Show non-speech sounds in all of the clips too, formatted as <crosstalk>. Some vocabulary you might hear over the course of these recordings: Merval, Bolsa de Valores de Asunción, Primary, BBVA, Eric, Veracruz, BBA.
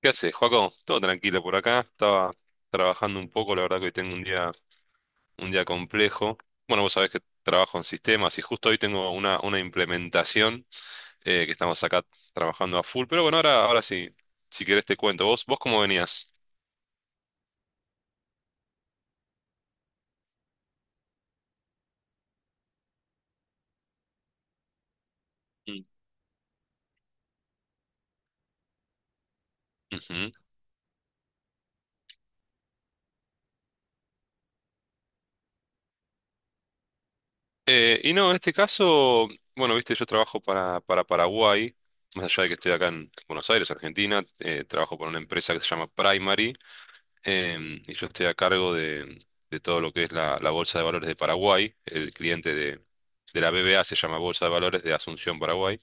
¿Qué haces, Joaco? Todo tranquilo por acá. Estaba trabajando un poco, la verdad que hoy tengo un día complejo. Bueno, vos sabés que trabajo en sistemas y justo hoy tengo una implementación que estamos acá trabajando a full. Pero bueno, ahora sí, si querés te cuento. ¿Vos cómo venías? Mm. Ujú. Y no, en este caso, bueno, viste, yo trabajo para Paraguay, más allá de que estoy acá en Buenos Aires, Argentina, trabajo para una empresa que se llama Primary. Y yo estoy a cargo de todo lo que es la Bolsa de Valores de Paraguay. El cliente de la BBA se llama Bolsa de Valores de Asunción, Paraguay.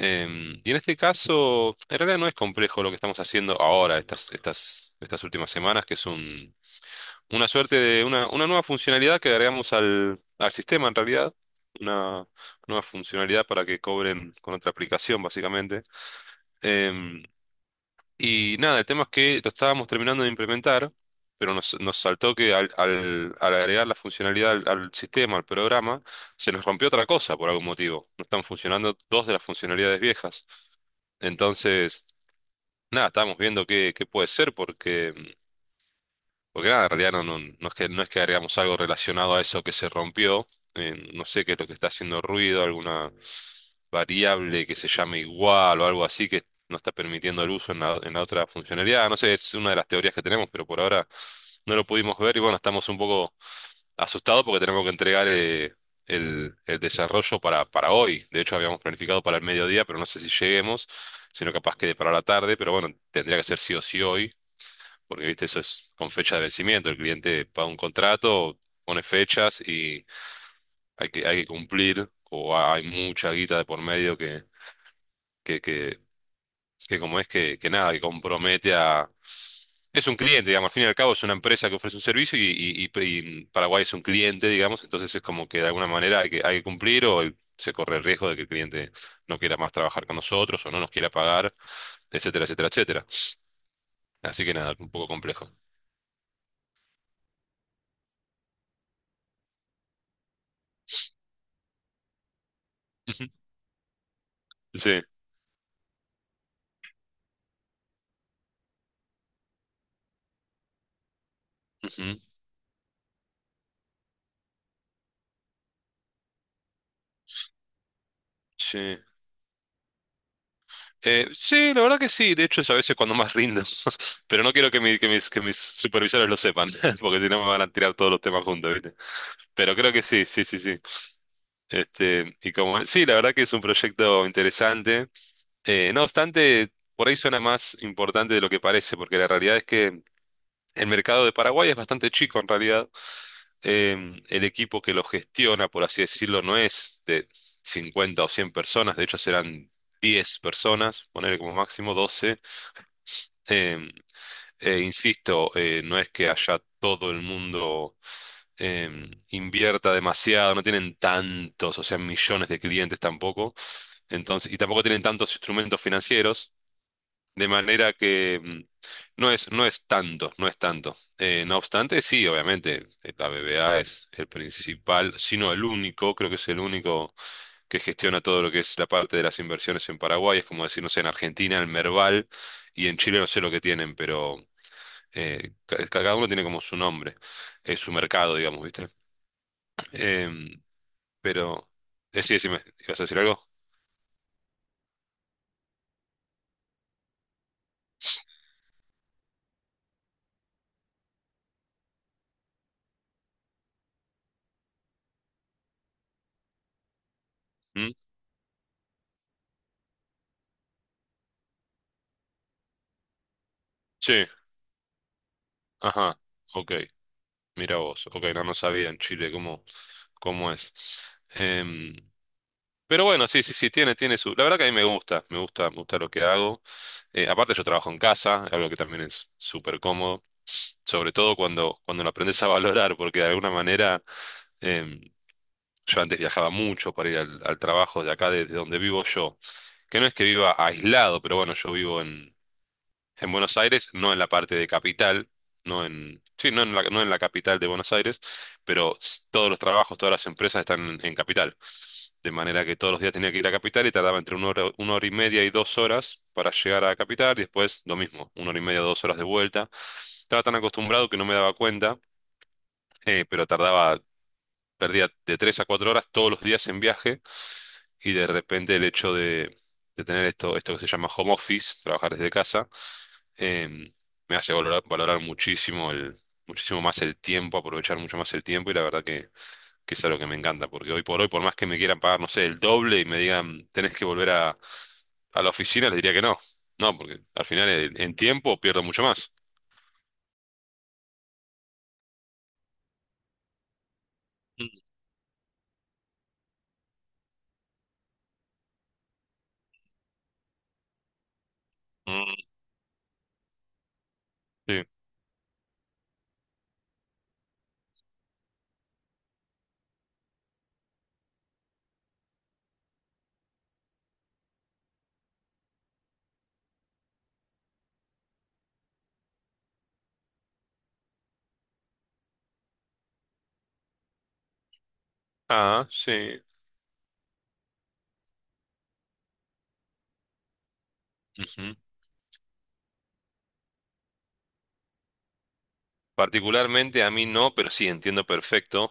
Y en este caso, en realidad no es complejo lo que estamos haciendo ahora, estas últimas semanas, que es una suerte de una nueva funcionalidad que agregamos al sistema en realidad. Una nueva funcionalidad para que cobren con otra aplicación, básicamente. Em, y nada, el tema es que lo estábamos terminando de implementar, pero nos saltó que al agregar la funcionalidad al sistema, al programa, se nos rompió otra cosa por algún motivo. No están funcionando dos de las funcionalidades viejas. Entonces, nada, estábamos viendo qué puede ser porque nada, en realidad no es que, agregamos algo relacionado a eso que se rompió. No sé qué es lo que está haciendo ruido, alguna variable que se llame igual o algo así que no está permitiendo el uso en la otra funcionalidad. No sé, es una de las teorías que tenemos, pero por ahora no lo pudimos ver y bueno, estamos un poco asustados porque tenemos que entregar el desarrollo para hoy. De hecho, habíamos planificado para el mediodía, pero no sé si lleguemos, sino capaz quede para la tarde, pero bueno, tendría que ser sí o sí hoy porque viste, eso es con fecha de vencimiento. El cliente paga un contrato, pone fechas y hay que cumplir, o hay mucha guita de por medio que, que, que como es que nada, que compromete a. Es un cliente, digamos, al fin y al cabo es una empresa que ofrece un servicio y Paraguay es un cliente, digamos, entonces es como que de alguna manera hay que cumplir o se corre el riesgo de que el cliente no quiera más trabajar con nosotros o no nos quiera pagar, etcétera, etcétera, etcétera. Así que nada, un poco complejo. Ujú. Sí. Ujú. Sí. Sí, la verdad que sí. De hecho, es a veces cuando más rindo. <laughs> Pero no quiero que, que mis supervisores lo sepan, <laughs> porque si no me van a tirar todos los temas juntos, ¿viste? Pero creo que sí, sí, sí, sí. Este, y como, sí, la verdad que es un proyecto interesante. No obstante, por ahí suena más importante de lo que parece, porque la realidad es que el mercado de Paraguay es bastante chico en realidad. El equipo que lo gestiona, por así decirlo, no es de 50 o 100 personas, de hecho serán 10 personas, ponerle como máximo 12. Em, Insisto, no es que allá todo el mundo invierta demasiado, no tienen tantos, o sea, millones de clientes tampoco, entonces, y tampoco tienen tantos instrumentos financieros, de manera que no es tanto, no es tanto. No obstante, sí, obviamente, la BBVA es el principal, sino el único, creo que es el único que gestiona todo lo que es la parte de las inversiones en Paraguay, es como decir, no sé, en Argentina, el Merval, y en Chile no sé lo que tienen, pero cada uno tiene como su nombre, su mercado, digamos, ¿viste? Em, pero, sí, decime, ¿ibas a decir algo? ¿Mm? Sí, ajá, ok, mira vos, ok, no, no sabía en Chile cómo, cómo es. Em, pero bueno, sí, sí, sí, tiene, tiene su... La verdad que a mí me gusta, me gusta, me gusta lo que hago. Aparte yo trabajo en casa, algo que también es súper cómodo, sobre todo cuando, cuando lo aprendes a valorar, porque de alguna manera... em, yo antes viajaba mucho para ir al, al trabajo de acá, desde donde vivo yo. Que no es que viva aislado, pero bueno, yo vivo en Buenos Aires, no en la parte de capital, no en, sí, no en la, no en la capital de Buenos Aires, pero todos los trabajos, todas las empresas están en capital. De manera que todos los días tenía que ir a capital y tardaba entre una hora y media y 2 horas para llegar a capital y después lo mismo, una hora y media, 2 horas de vuelta. Estaba tan acostumbrado que no me daba cuenta, pero tardaba perdía de 3 a 4 horas todos los días en viaje y de repente el hecho de tener esto, esto que se llama home office, trabajar desde casa, em, me hace valorar, valorar muchísimo el, muchísimo más el tiempo, aprovechar mucho más el tiempo y la verdad que es algo que me encanta, porque hoy por hoy, por más que me quieran pagar, no sé, el doble y me digan, tenés que volver a la oficina, les diría que no. No, porque al final en tiempo pierdo mucho más. Mm. Sí. Ah, sí. Particularmente a mí no, pero sí entiendo perfecto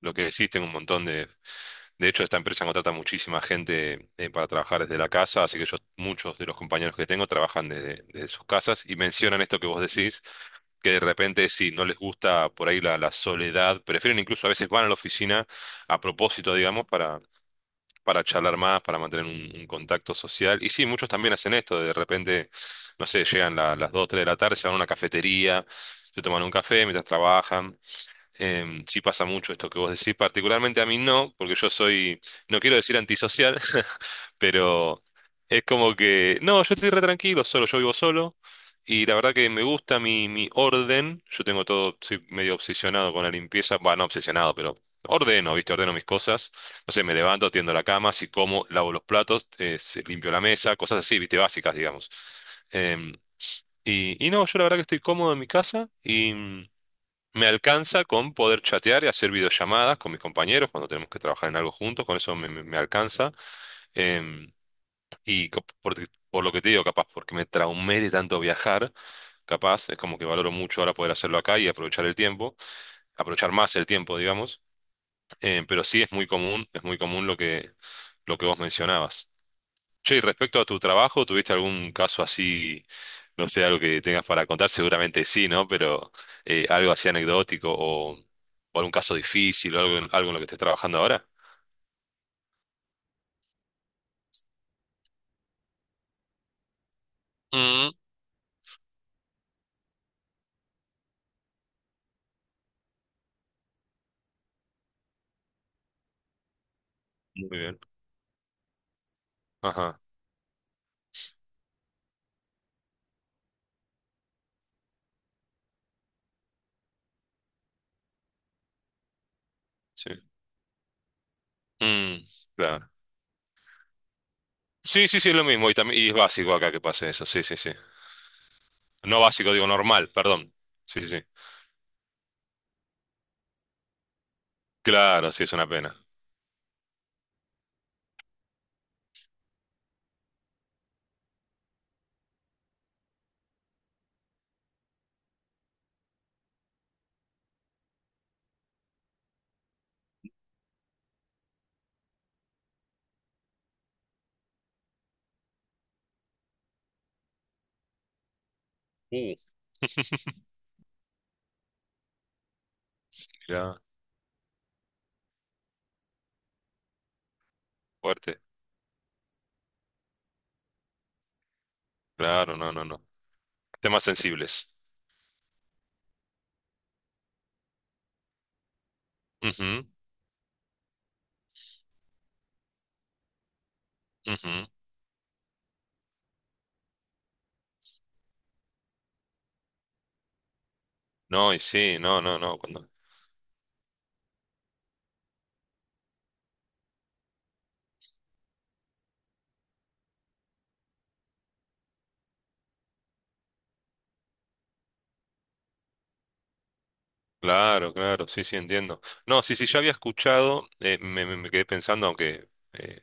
lo que existen un montón de... De hecho, esta empresa contrata muchísima gente para trabajar desde la casa, así que yo, muchos de los compañeros que tengo trabajan desde, desde sus casas y mencionan esto que vos decís, que de repente si no les gusta por ahí la soledad, prefieren incluso a veces van a la oficina a propósito, digamos, para charlar más, para mantener un contacto social. Y sí, muchos también hacen esto, de repente, no sé, llegan las 2, 3 de la tarde, se van a una cafetería, se toman un café mientras trabajan. Sí pasa mucho esto que vos decís, particularmente a mí no, porque yo soy, no quiero decir antisocial, <laughs> pero es como que, no, yo estoy re tranquilo, solo, yo vivo solo, y la verdad que me gusta mi orden, yo tengo todo, soy medio obsesionado con la limpieza, bueno, no obsesionado, pero ordeno, ¿viste? Ordeno mis cosas, no sé, me levanto, tiendo la cama, si como, lavo los platos, limpio la mesa, cosas así, ¿viste? Básicas, digamos. Em, y, y no, yo la verdad que estoy cómodo en mi casa, me alcanza con poder chatear y hacer videollamadas con mis compañeros cuando tenemos que trabajar en algo juntos, con eso me alcanza. Em, y co- porque- por lo que te digo, capaz, porque me traumé de tanto viajar, capaz, es como que valoro mucho ahora poder hacerlo acá y aprovechar el tiempo, aprovechar más el tiempo, digamos. Pero sí es muy común lo que vos mencionabas. Che, y respecto a tu trabajo, ¿tuviste algún caso así, no sé, algo que tengas para contar? Seguramente sí, ¿no? Pero algo así anecdótico o algún caso difícil o algo, algo en lo que estés trabajando ahora. Mm. Muy bien. Ajá, sí. Mm, claro. Sí, sí, sí, es lo mismo. Y también, y es básico acá que pase eso. Sí, sí, sí. No básico, digo normal, perdón. Sí, sí, sí. Claro, sí, es una pena. Uh, mirá, fuerte. Claro, no, no, no. Temas sensibles. Ujú, ujú. No, y sí, no, no, no. Cuando claro, claro, sí, sí, entiendo. No, sí, sí, yo había escuchado, me quedé pensando, aunque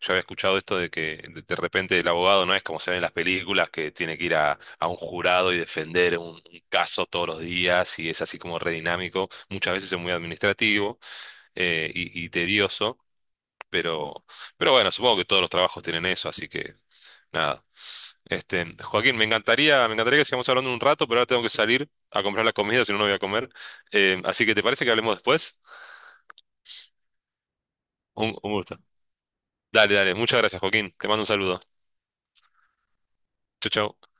yo había escuchado esto de que de repente el abogado no es como se ve en las películas, que tiene que ir a un jurado y defender un caso todos los días y es así como re dinámico, muchas veces es muy administrativo y tedioso, pero, pero bueno, supongo que todos los trabajos tienen eso, así que nada. Este, Joaquín, me encantaría que sigamos hablando un rato, pero ahora tengo que salir a comprar la comida, si no, no voy a comer. Así que, ¿te parece que hablemos después? Un gusto. Dale, dale. Muchas gracias, Joaquín. Te mando un saludo. Chau, chau.